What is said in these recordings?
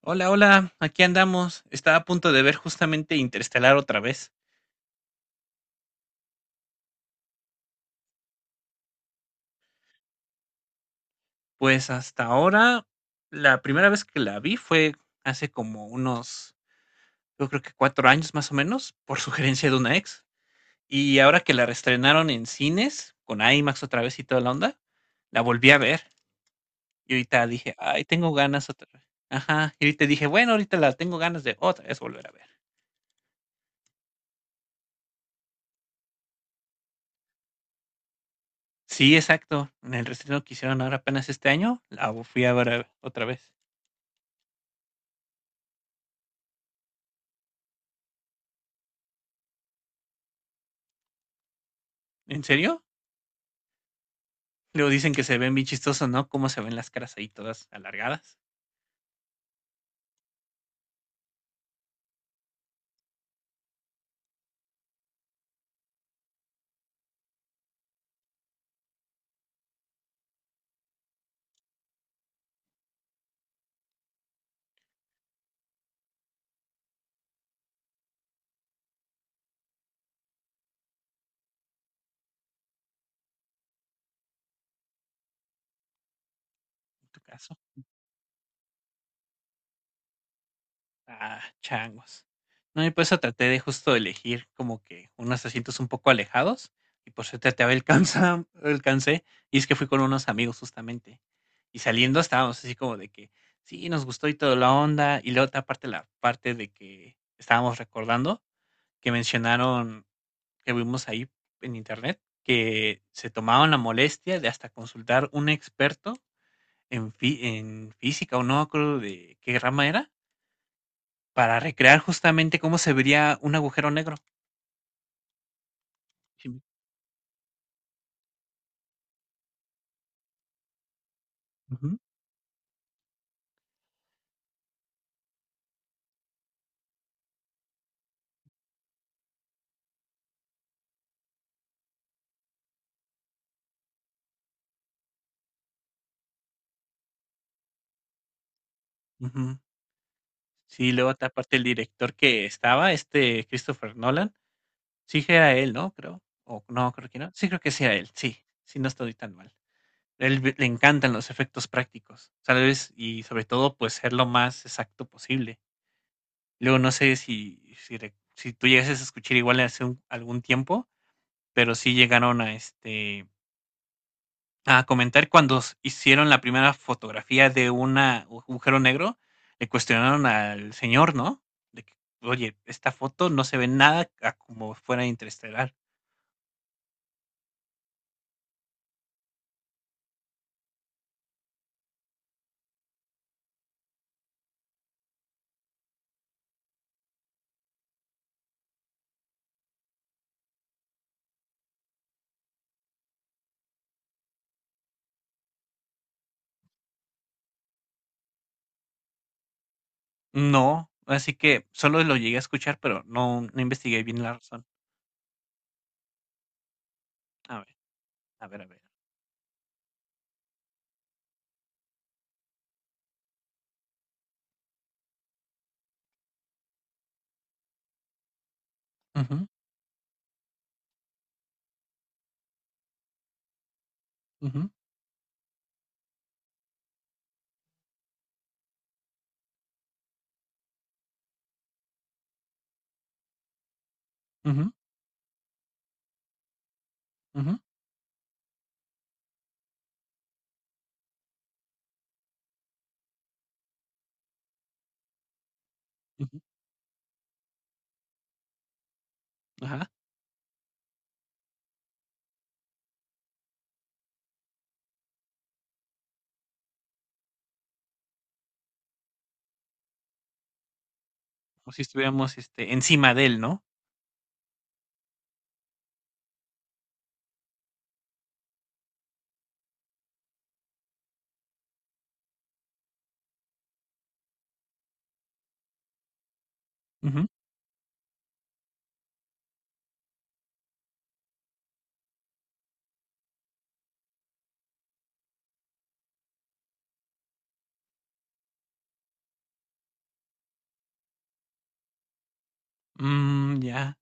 Hola, hola, aquí andamos. Estaba a punto de ver justamente Interestelar otra vez. Pues hasta ahora, la primera vez que la vi fue hace como unos, yo creo que cuatro años más o menos, por sugerencia de una ex. Y ahora que la reestrenaron en cines, con IMAX otra vez y toda la onda, la volví a ver. Y ahorita dije, ay, tengo ganas otra vez. Ajá, y ahorita dije, bueno, ahorita la tengo ganas de otra vez volver a ver. Sí, exacto. En el reestreno que hicieron ahora apenas este año, la fui a ver otra vez. ¿En serio? Luego dicen que se ven bien chistosos, ¿no? Cómo se ven las caras ahí todas alargadas, en tu caso. Ah, changos. No, y por eso traté de justo elegir como que unos asientos un poco alejados. Y por suerte alcancé. Y es que fui con unos amigos justamente. Y saliendo estábamos así como de que sí, nos gustó y toda la onda. Y la otra parte, la parte de que estábamos recordando, que mencionaron que vimos ahí en internet, que se tomaban la molestia de hasta consultar un experto en física, o no me acuerdo de qué rama era, para recrear justamente cómo se vería un agujero negro. Sí. Ujú, ujú. Sí, luego ta aparte el director que estaba, este, Christopher Nolan, sí que era él, ¿no? Creo, o no, creo que no. Sí, creo que sí era él, sí, sí, no estoy tan mal. Él ve Le encantan los efectos prácticos, ¿sabes? Y sobre todo, pues, ser lo más exacto posible. Luego no sé si tú llegases a escuchar igual hace un algún tiempo, pero sí llegaron a, este a comentar cuando hicieron la primera fotografía de agujero negro, le cuestionaron al señor, ¿no? De que, oye, esta foto no se ve nada a como fuera interestelar. No, así que solo lo llegué a escuchar, pero no, no investigué bien la razón. A ver, a ver, a ver. Ujú, ujú, ujú, ujú, ujú. Ajá. Como si estuviéramos este, encima de él, ¿no? Ujú. Mm, ya.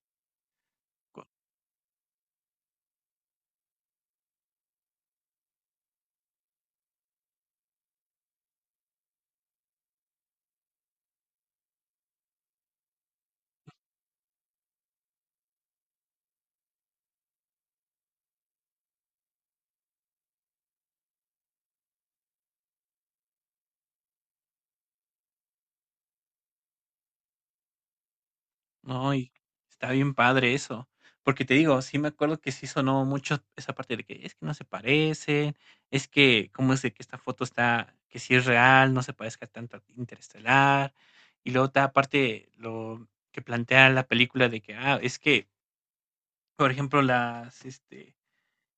No y está bien padre eso. Porque te digo, sí me acuerdo que sí sonó mucho esa parte de que es que no se parecen, es que cómo es de que esta foto está, que sí es real, no se parezca tanto a Interestelar. Y luego otra parte, lo que plantea la película de que, ah, es que, por ejemplo, las, este,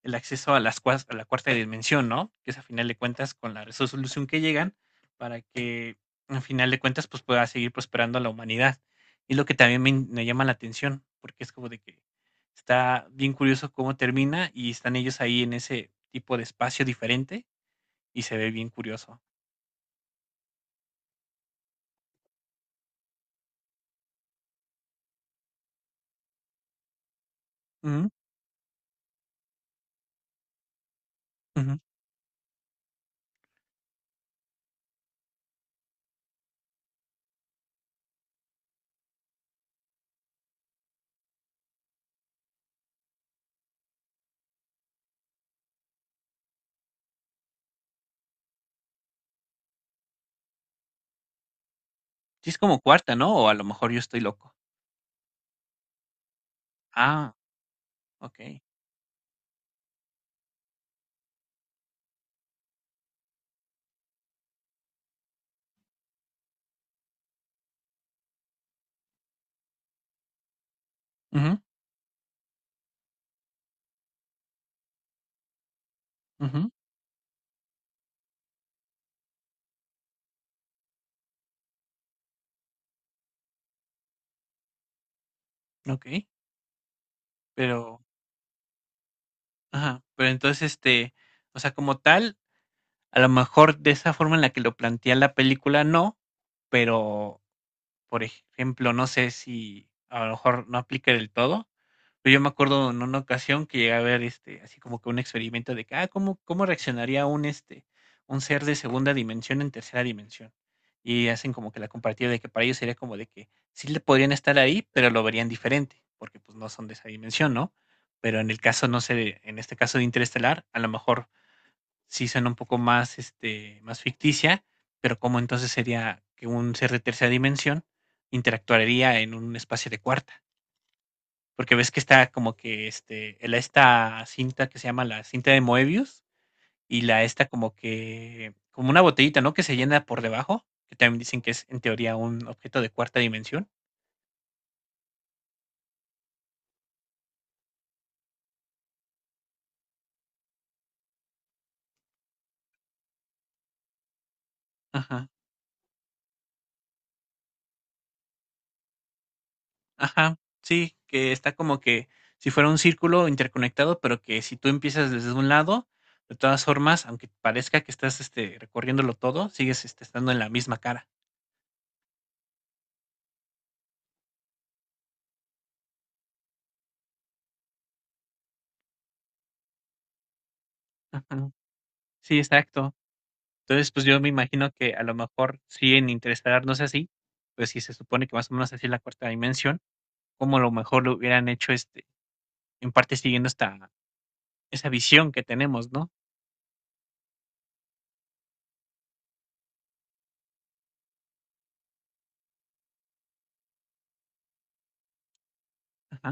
el acceso a, las, a la cuarta dimensión, ¿no? Que es a final de cuentas con la resolución que llegan para que a final de cuentas pues pueda seguir prosperando la humanidad. Y lo que también me llama la atención, porque es como de que está bien curioso cómo termina y están ellos ahí en ese tipo de espacio diferente y se ve bien curioso. Ujú, ujú. Sí, es como cuarta, ¿no? O a lo mejor yo estoy loco. Ah, ok. Ujú, ujú, ok. Pero, ajá, pero entonces este, o sea, como tal, a lo mejor de esa forma en la que lo plantea la película no, pero, por ejemplo, no sé si a lo mejor no aplica del todo, pero yo me acuerdo en una ocasión que llegué a ver este, así como que un experimento de que, ah, ¿cómo, cómo reaccionaría un este, un ser de segunda dimensión en tercera dimensión? Y hacen como que la comparativa de que para ellos sería como de que sí le podrían estar ahí, pero lo verían diferente, porque pues no son de esa dimensión, ¿no? Pero en el caso, no sé, en este caso de Interestelar, a lo mejor sí suena un poco más, este, más ficticia, pero cómo entonces sería que un ser de tercera dimensión interactuaría en un espacio de cuarta. Porque ves que está como que este, esta cinta que se llama la cinta de Moebius y la esta como que, como una botellita, ¿no? Que se llena por debajo, que también dicen que es en teoría un objeto de cuarta dimensión. Ajá. Ajá, sí, que está como que si fuera un círculo interconectado, pero que si tú empiezas desde un lado, de todas formas, aunque parezca que estás este, recorriéndolo todo, sigues este, estando en la misma cara. Ujú, sí, exacto. Entonces, pues yo me imagino que a lo mejor sí en Interestelar no es así, pues si se supone que más o menos así es la cuarta dimensión, como a lo mejor lo hubieran hecho este, en parte siguiendo esta, esa visión que tenemos, ¿no? Ajá,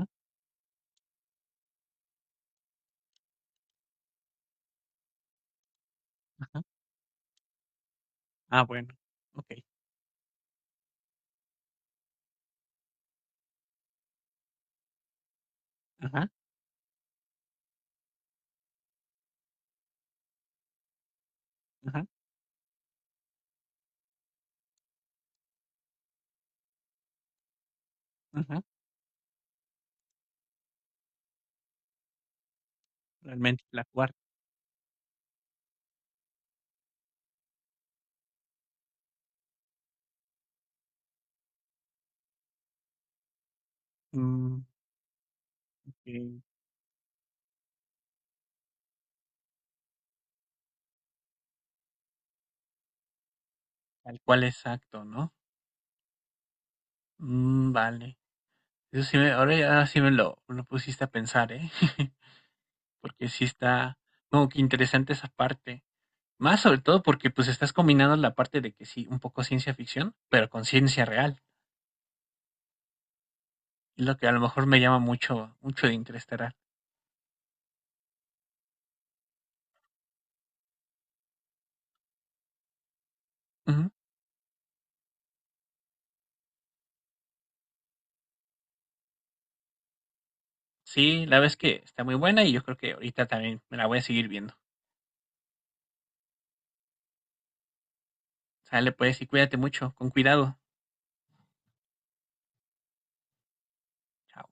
ajá. Ah, bueno, ok. Ajá, ajá, ajá. Realmente la cuarta. Mm. Sí, tal cual, exacto, ¿no? Mm, vale. Eso sí ahora ya sí me lo pusiste a pensar, ¿eh? Porque sí está como que interesante esa parte. Más sobre todo porque pues estás combinando la parte de que sí, un poco ciencia ficción, pero con ciencia real. Es lo que a lo mejor me llama mucho, mucho de Interestelar. Ujú. Sí, la verdad es que está muy buena y yo creo que ahorita también me la voy a seguir viendo. Sale pues y cuídate mucho, con cuidado. Chao.